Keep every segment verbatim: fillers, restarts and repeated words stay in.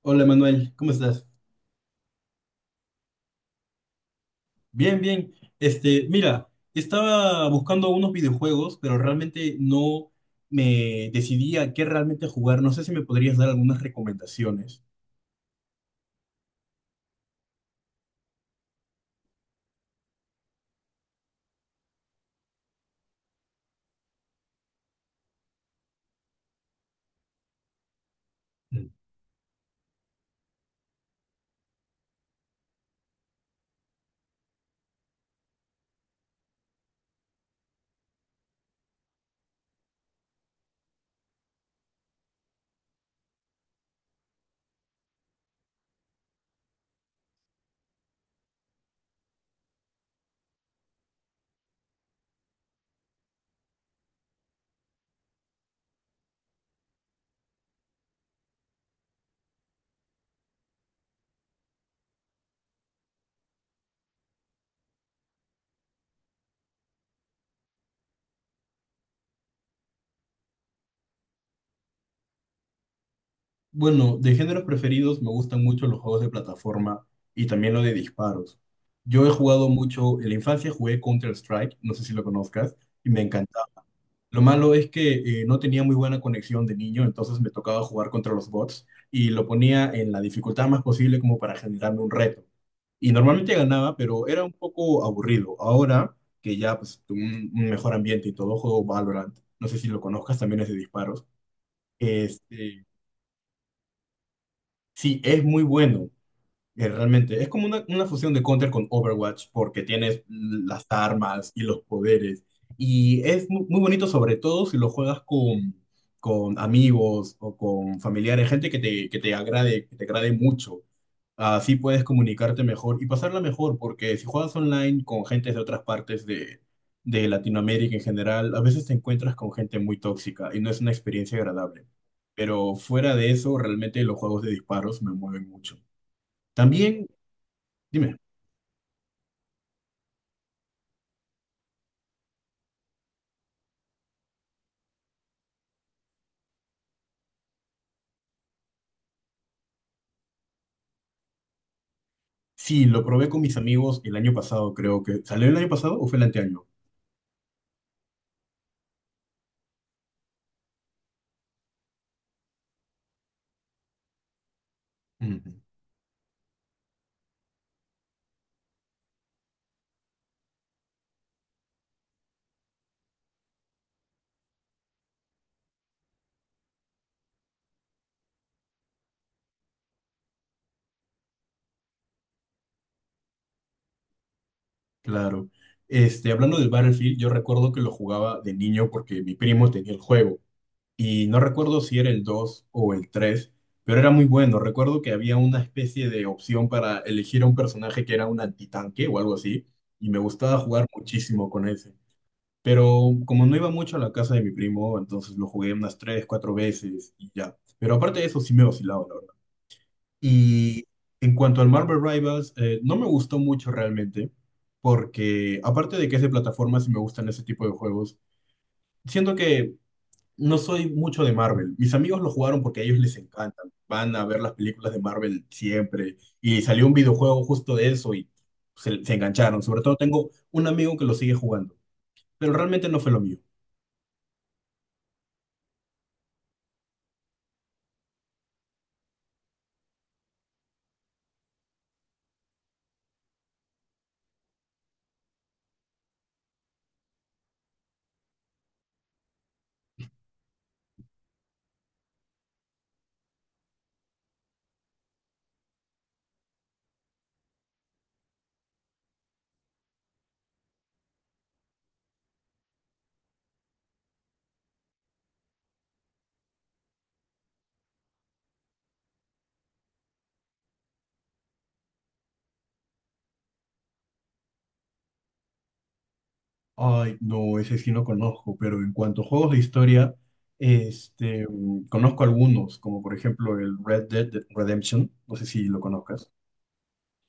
Hola Manuel, ¿cómo estás? Bien, bien. Este, mira, estaba buscando unos videojuegos, pero realmente no me decidía a qué realmente jugar. No sé si me podrías dar algunas recomendaciones. Mm. Bueno, de géneros preferidos me gustan mucho los juegos de plataforma y también lo de disparos. Yo he jugado mucho, en la infancia jugué Counter-Strike, no sé si lo conozcas, y me encantó. Lo malo es que eh, no tenía muy buena conexión de niño, entonces me tocaba jugar contra los bots y lo ponía en la dificultad más posible como para generarme un reto. Y normalmente ganaba, pero era un poco aburrido. Ahora que ya pues tuve un, un mejor ambiente y todo, juego Valorant. No sé si lo conozcas, también es de disparos. Este, sí, es muy bueno. Eh, Realmente, es como una, una fusión de Counter con Overwatch porque tienes las armas y los poderes. Y es mu- muy bonito, sobre todo si lo juegas con, con amigos o con familiares, gente que te, que te agrade, que te agrade mucho. Así puedes comunicarte mejor y pasarla mejor porque si juegas online con gente de otras partes de, de Latinoamérica en general, a veces te encuentras con gente muy tóxica y no es una experiencia agradable. Pero fuera de eso, realmente los juegos de disparos me mueven mucho. También dime. Sí, lo probé con mis amigos el año pasado, creo que. ¿Salió el año pasado o fue el anteaño? Ujú. Claro. Este, hablando del Battlefield, yo recuerdo que lo jugaba de niño porque mi primo tenía el juego. Y no recuerdo si era el dos o el tres, pero era muy bueno. Recuerdo que había una especie de opción para elegir a un personaje que era un antitanque o algo así. Y me gustaba jugar muchísimo con ese. Pero como no iba mucho a la casa de mi primo, entonces lo jugué unas tres, cuatro veces y ya. Pero aparte de eso, sí me oscilaba. Y en cuanto al Marvel Rivals, eh, no me gustó mucho realmente, porque aparte de que es de plataformas y me gustan ese tipo de juegos, siento que no soy mucho de Marvel. Mis amigos lo jugaron porque a ellos les encantan. Van a ver las películas de Marvel siempre. Y salió un videojuego justo de eso y se, se engancharon. Sobre todo tengo un amigo que lo sigue jugando, pero realmente no fue lo mío. Ay, no, ese sí no conozco, pero en cuanto a juegos de historia, este, mm, conozco algunos, como por ejemplo el Red Dead Redemption, no sé si lo conozcas.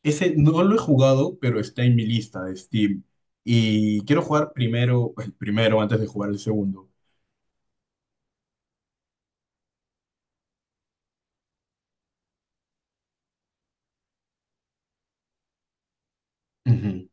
Ese no lo he jugado, pero está en mi lista de Steam. Y quiero jugar primero, el primero antes de jugar el segundo. Ujú.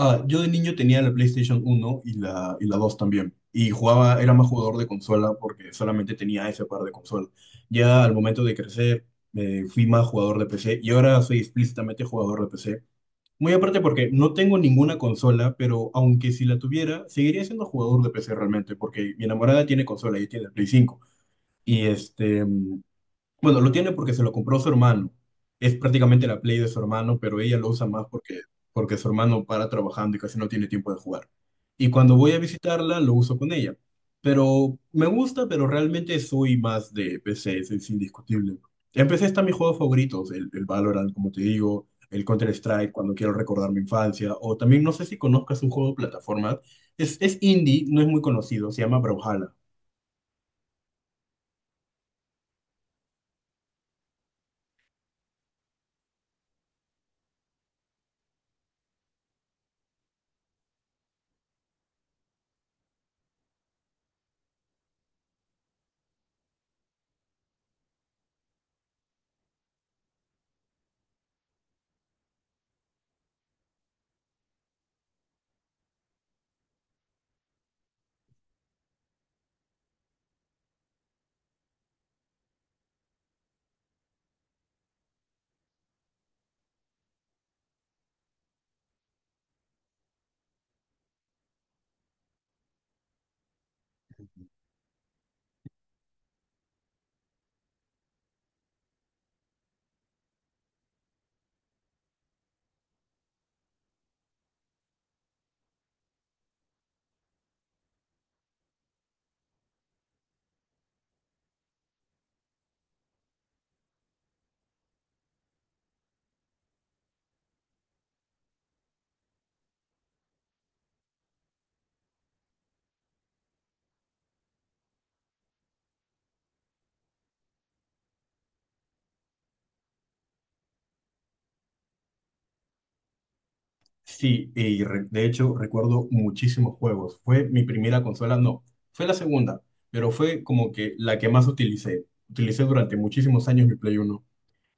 Ah, yo de niño tenía la PlayStation uno y la, y la dos también. Y jugaba, era más jugador de consola porque solamente tenía ese par de consolas. Ya al momento de crecer, eh, fui más jugador de P C y ahora soy explícitamente jugador de P C. Muy aparte porque no tengo ninguna consola, pero aunque si la tuviera, seguiría siendo jugador de P C realmente porque mi enamorada tiene consola y tiene el Play cinco. Y este, mm, bueno, lo tiene porque se lo compró su hermano. Es prácticamente la Play de su hermano, pero ella lo usa más porque, porque su hermano para trabajando y casi no tiene tiempo de jugar. Y cuando voy a visitarla, lo uso con ella. Pero me gusta, pero realmente soy más de P C, eso es indiscutible. En P C están mis juegos favoritos, el, el Valorant, como te digo, el Counter-Strike, cuando quiero recordar mi infancia, o también no sé si conozcas un juego de plataformas, es, es indie, no es muy conocido, se llama Brawlhalla. Sí, y re- de hecho recuerdo muchísimos juegos. Fue mi primera consola, no, fue la segunda, pero fue como que la que más utilicé. Utilicé durante muchísimos años mi Play Uno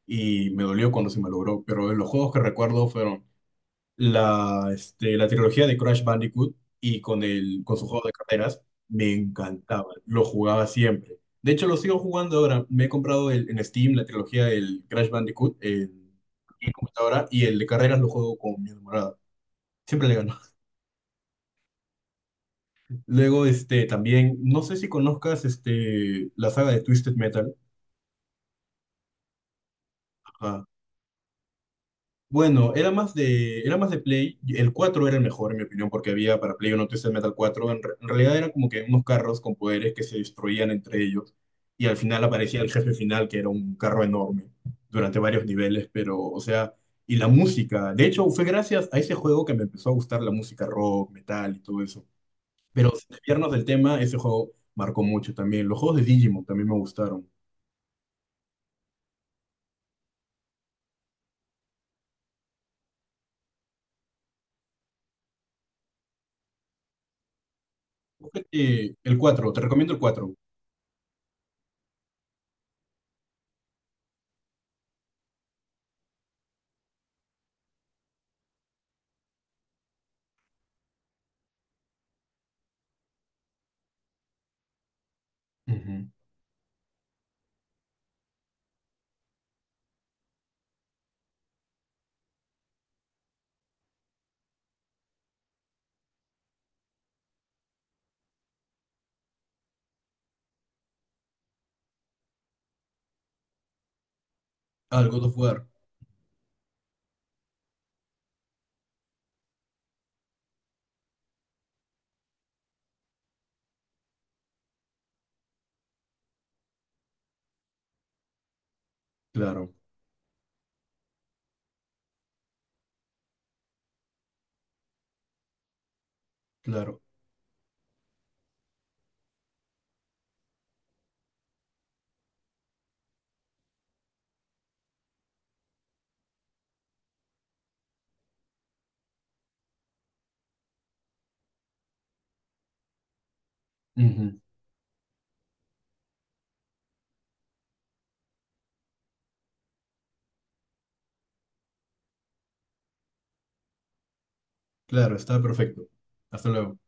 y me dolió cuando se me logró, pero los juegos que recuerdo fueron la, este, la trilogía de Crash Bandicoot y con, el, con su juego de carreras, me encantaba, lo jugaba siempre. De hecho, lo sigo jugando ahora. Me he comprado el- en Steam la trilogía del Crash Bandicoot en computadora y el de carreras lo juego con mi enamorada. Siempre le gano. Luego, este, también, no sé si conozcas, este, la saga de Twisted Metal. Ajá. Bueno, era más de, era más de Play. El cuatro era el mejor, en mi opinión, porque había para Play uno Twisted Metal cuatro. En, re- en realidad eran como que unos carros con poderes que se destruían entre ellos. Y al final aparecía el jefe final, que era un carro enorme, durante varios niveles, pero, o sea, y la música. De hecho, fue gracias a ese juego que me empezó a gustar la música rock, metal y todo eso. Pero sin desviarnos del tema, ese juego marcó mucho también. Los juegos de Digimon también me gustaron. Búscate el cuatro, te recomiendo el cuatro. Ujú. Ah, el God of War. Claro, claro. Ujú. Claro, está perfecto. Hasta luego.